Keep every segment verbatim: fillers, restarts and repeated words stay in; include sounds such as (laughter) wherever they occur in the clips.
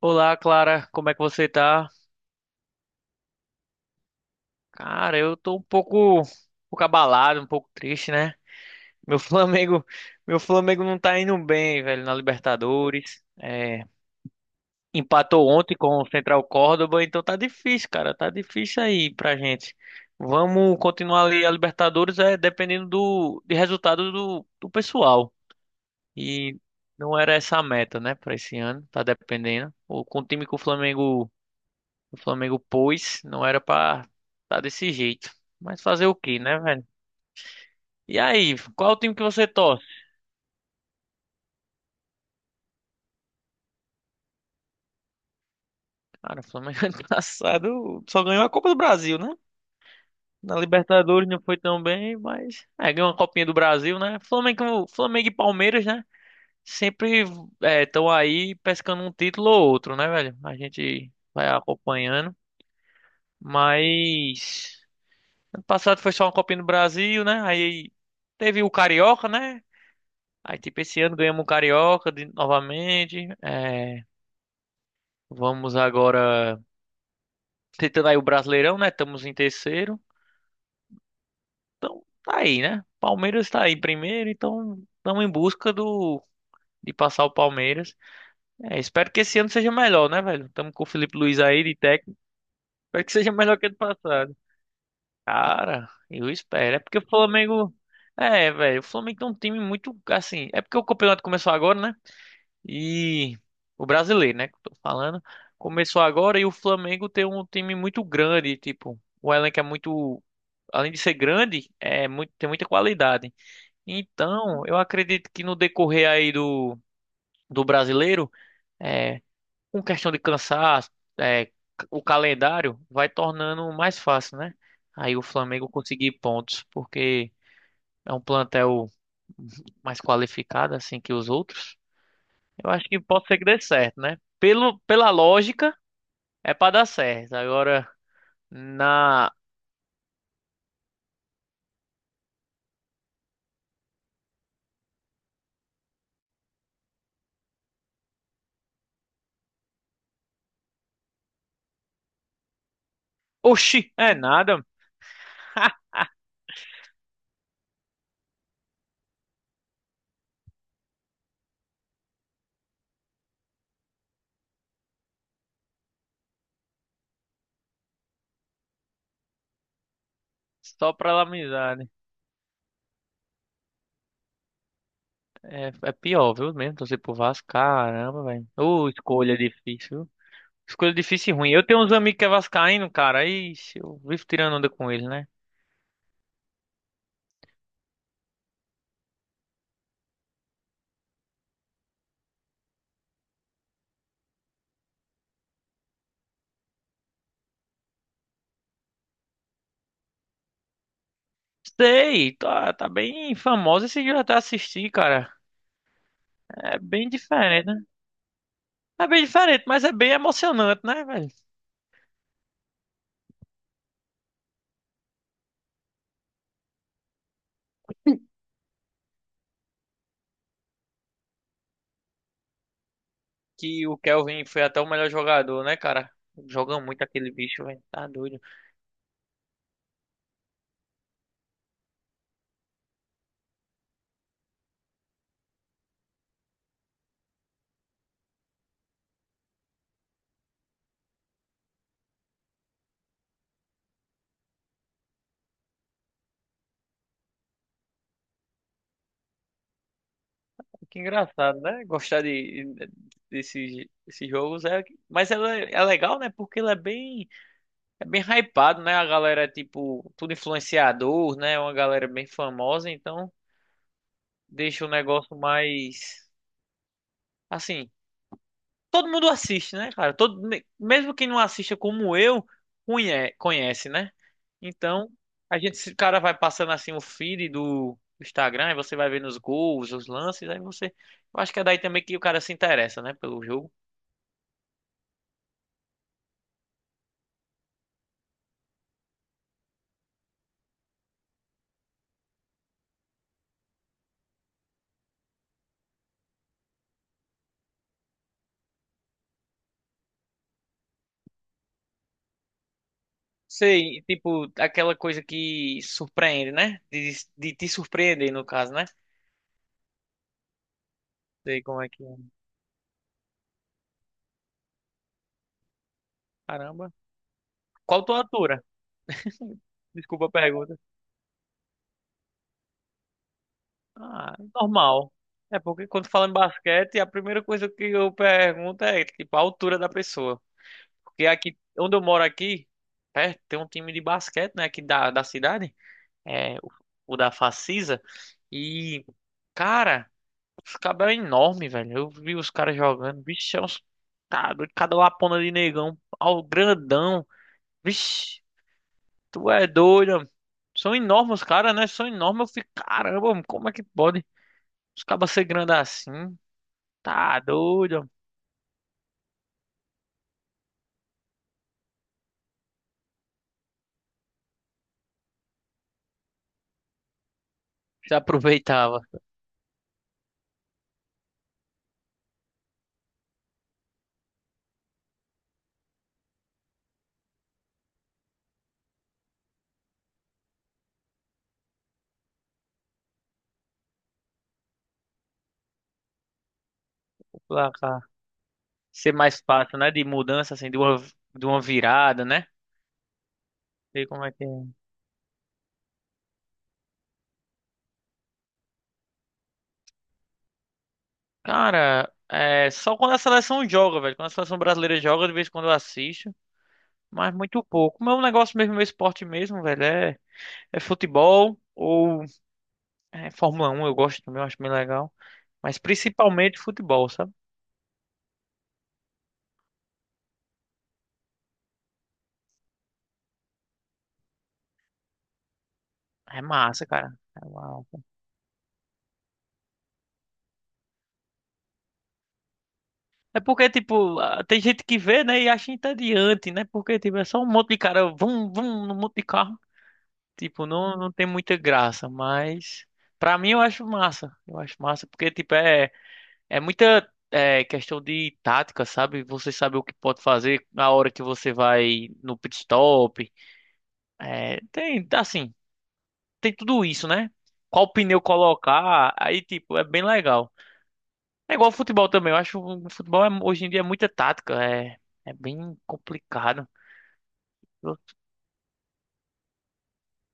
Olá, Clara, como é que você tá? Cara, eu tô um pouco, um pouco abalado, um pouco triste, né? Meu (laughs) Flamengo, meu Flamengo não tá indo bem, velho, na Libertadores. É, empatou ontem com o Central Córdoba, então tá difícil, cara, tá difícil aí pra gente. Vamos continuar ali a Libertadores, é dependendo do de resultado do, do pessoal. E não era essa a meta, né, pra esse ano, tá dependendo. O Com o time que o Flamengo O Flamengo pôs, não era pra tá desse jeito. Mas fazer o quê, né, velho? E aí, qual é o time que você torce? Cara, o Flamengo (laughs) ano passado só ganhou a Copa do Brasil, né? Na Libertadores não foi tão bem, mas é, ganhou uma Copinha do Brasil, né? Flamengo, Flamengo e Palmeiras, né? Sempre estão aí pescando um título ou outro, né, velho? A gente vai acompanhando. Mas ano passado foi só uma Copinha do Brasil, né? Aí teve o Carioca, né? Aí, tipo, esse ano ganhamos o Carioca de- novamente. É, vamos agora tentando aí o Brasileirão, né? Estamos em terceiro. Então, tá aí, né? Palmeiras tá aí em primeiro, então estamos em busca do de passar o Palmeiras. É, espero que esse ano seja melhor, né, velho? Estamos com o Felipe Luiz aí de técnico. Espero que seja melhor que ano passado. Cara, eu espero. É porque o Flamengo. É, velho, o Flamengo tem um time muito, assim, é porque o campeonato começou agora, né? E o brasileiro, né, que eu tô falando, começou agora e o Flamengo tem um time muito grande, tipo, o elenco é muito, além de ser grande, é muito, tem muita qualidade. Então, eu acredito que no decorrer aí do, do brasileiro, é, com questão de cansaço, é, o calendário vai tornando mais fácil, né? Aí o Flamengo conseguir pontos, porque é um plantel mais qualificado assim que os outros. Eu acho que pode ser que dê certo, né? Pelo, pela lógica, é pra dar certo. Agora, na. Oxi, é nada. Só pra laminizar, né? É, é pior, viu? Mesmo torcer pro Vasco, caramba, velho. Ô, escolha difícil. Viu? Escolha difícil e ruim. Eu tenho uns amigos que é vascaíno, cara. Aí eu vivo tirando onda com eles, né? Sei, tá, tá bem famoso esse dia até assistir, cara. É bem diferente, né? É bem diferente, mas é bem emocionante, né, velho? Que o Kelvin foi até o melhor jogador, né, cara? Joga muito aquele bicho, velho. Tá doido. Que engraçado, né? Gostar de, desses, desses jogos é. Mas ela é, é legal, né? Porque ele é bem, é bem hypado, né? A galera é tipo, tudo influenciador, né? Uma galera bem famosa, então deixa o negócio mais. Assim, todo mundo assiste, né, cara? Todo, me- mesmo quem não assista como eu, conhe- conhece, né? Então, a gente, se cara vai passando assim o feed do Instagram, e você vai vendo os gols, os lances, aí você. Eu acho que é daí também que o cara se interessa, né, pelo jogo. Sei, tipo, aquela coisa que surpreende, né? De, de te surpreender, no caso, né? Sei como é que é. Caramba. Qual tua altura? Desculpa a pergunta. Ah, normal. É porque quando fala em basquete, a primeira coisa que eu pergunto é, tipo, a altura da pessoa. Porque aqui, onde eu moro aqui, perto, tem um time de basquete, né, aqui da, da cidade, é, o, o da Facisa, e, cara, os caras é enorme, velho. Eu vi os caras jogando, bicho, é uns, tá, doido, cada lapona de negão, ao grandão, vixe, tu é doido, mano. São enormes os caras, né, são enormes, eu fico, caramba, mano, como é que pode? Os cabas ser grande assim. Tá doido. Já aproveitava. Pra cá. Ser mais fácil, né? De mudança, assim, de uma, de uma virada, né? Sei como é que é. Cara, é só quando a seleção joga, velho. Quando a seleção brasileira joga, de vez em quando eu assisto. Mas muito pouco. Meu negócio mesmo, meu esporte mesmo, velho, é, é futebol ou é Fórmula um eu gosto também, eu acho bem legal. Mas principalmente futebol, sabe? É massa, cara. É uau. É porque, tipo, ah, tem gente que vê, né, e acha entediante, né? Porque, tipo, é só um monte de cara, vum, vum, num monte de carro. Tipo, não, não tem muita graça, mas pra mim eu acho massa. Eu acho massa porque, tipo, é, é muita é, questão de tática, sabe? Você sabe o que pode fazer na hora que você vai no pit stop. É, tem, assim, tem tudo isso, né? Qual pneu colocar, aí, tipo, é bem legal. É igual ao futebol também. Eu acho que o futebol é- hoje em dia é muita tática. É, é bem complicado. Eu-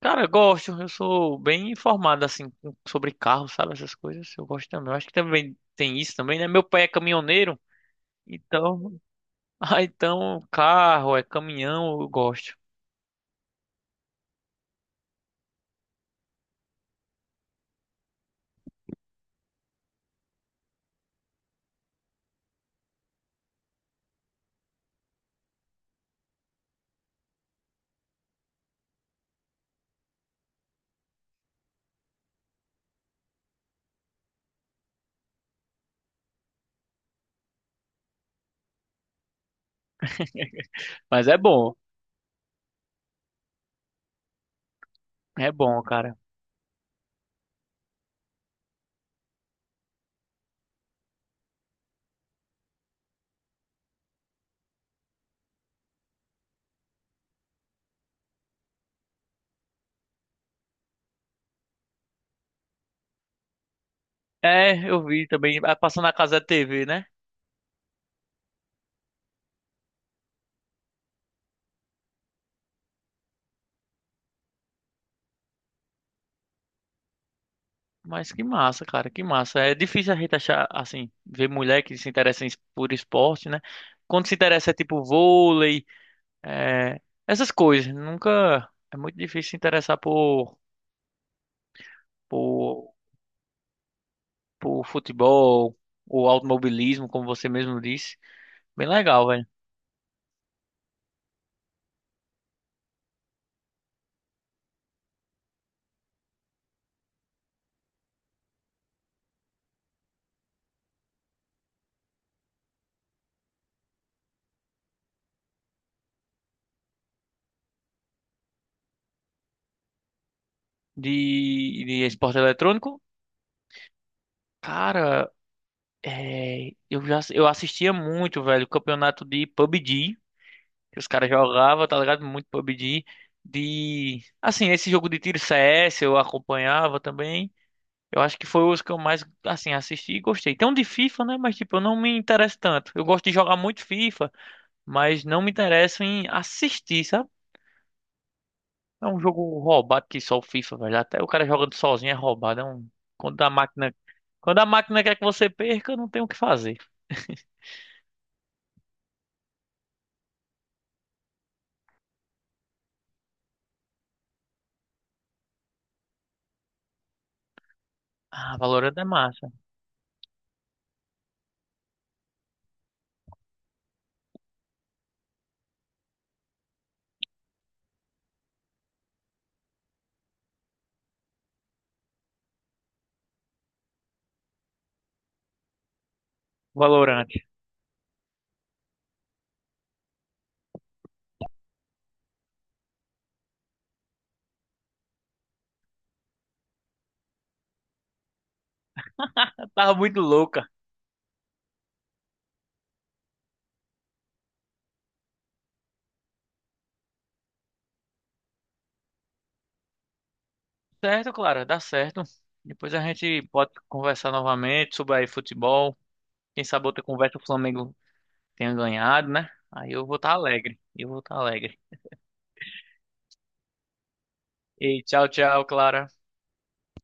cara, eu gosto. Eu sou bem informado, assim, com- sobre carro, sabe? Essas coisas. Eu gosto também. Eu acho que também tem isso também, né? Meu pai é caminhoneiro. Então, (laughs) ah, então carro, é caminhão, eu gosto. (laughs) Mas é bom. É bom, cara. É, eu vi também. Ah, passando na casa da T V, né? Mas que massa, cara, que massa. É difícil a gente achar, assim, ver mulher que se interessa em- por esporte, né? Quando se interessa é tipo vôlei, é, essas coisas. Nunca. É muito difícil se interessar por, por, por futebol ou automobilismo, como você mesmo disse. Bem legal, velho. De, de esporte eletrônico, cara, é, eu já eu assistia muito, velho, o campeonato de pabgê. Que os caras jogavam, tá ligado? Muito pabgê. De. Assim, esse jogo de tiro C S eu acompanhava também. Eu acho que foi os que eu mais, assim, assisti e gostei. Tem um de FIFA, né? Mas, tipo, eu não me interesso tanto. Eu gosto de jogar muito FIFA, mas não me interesso em assistir, sabe? É um jogo roubado que só o FIFA, velho. Até o cara jogando sozinho é roubado. É um... Quando a máquina. Quando a máquina quer que você perca, não tem o que fazer. Ah, Valorant é massa. Valorant. (laughs) tava muito louca. Certo, Clara, dá certo. Depois a gente pode conversar novamente sobre aí futebol. Quem sabe outra conversa o Flamengo tenha ganhado, né? Aí eu vou estar alegre. Eu vou estar alegre. E tchau, tchau, Clara.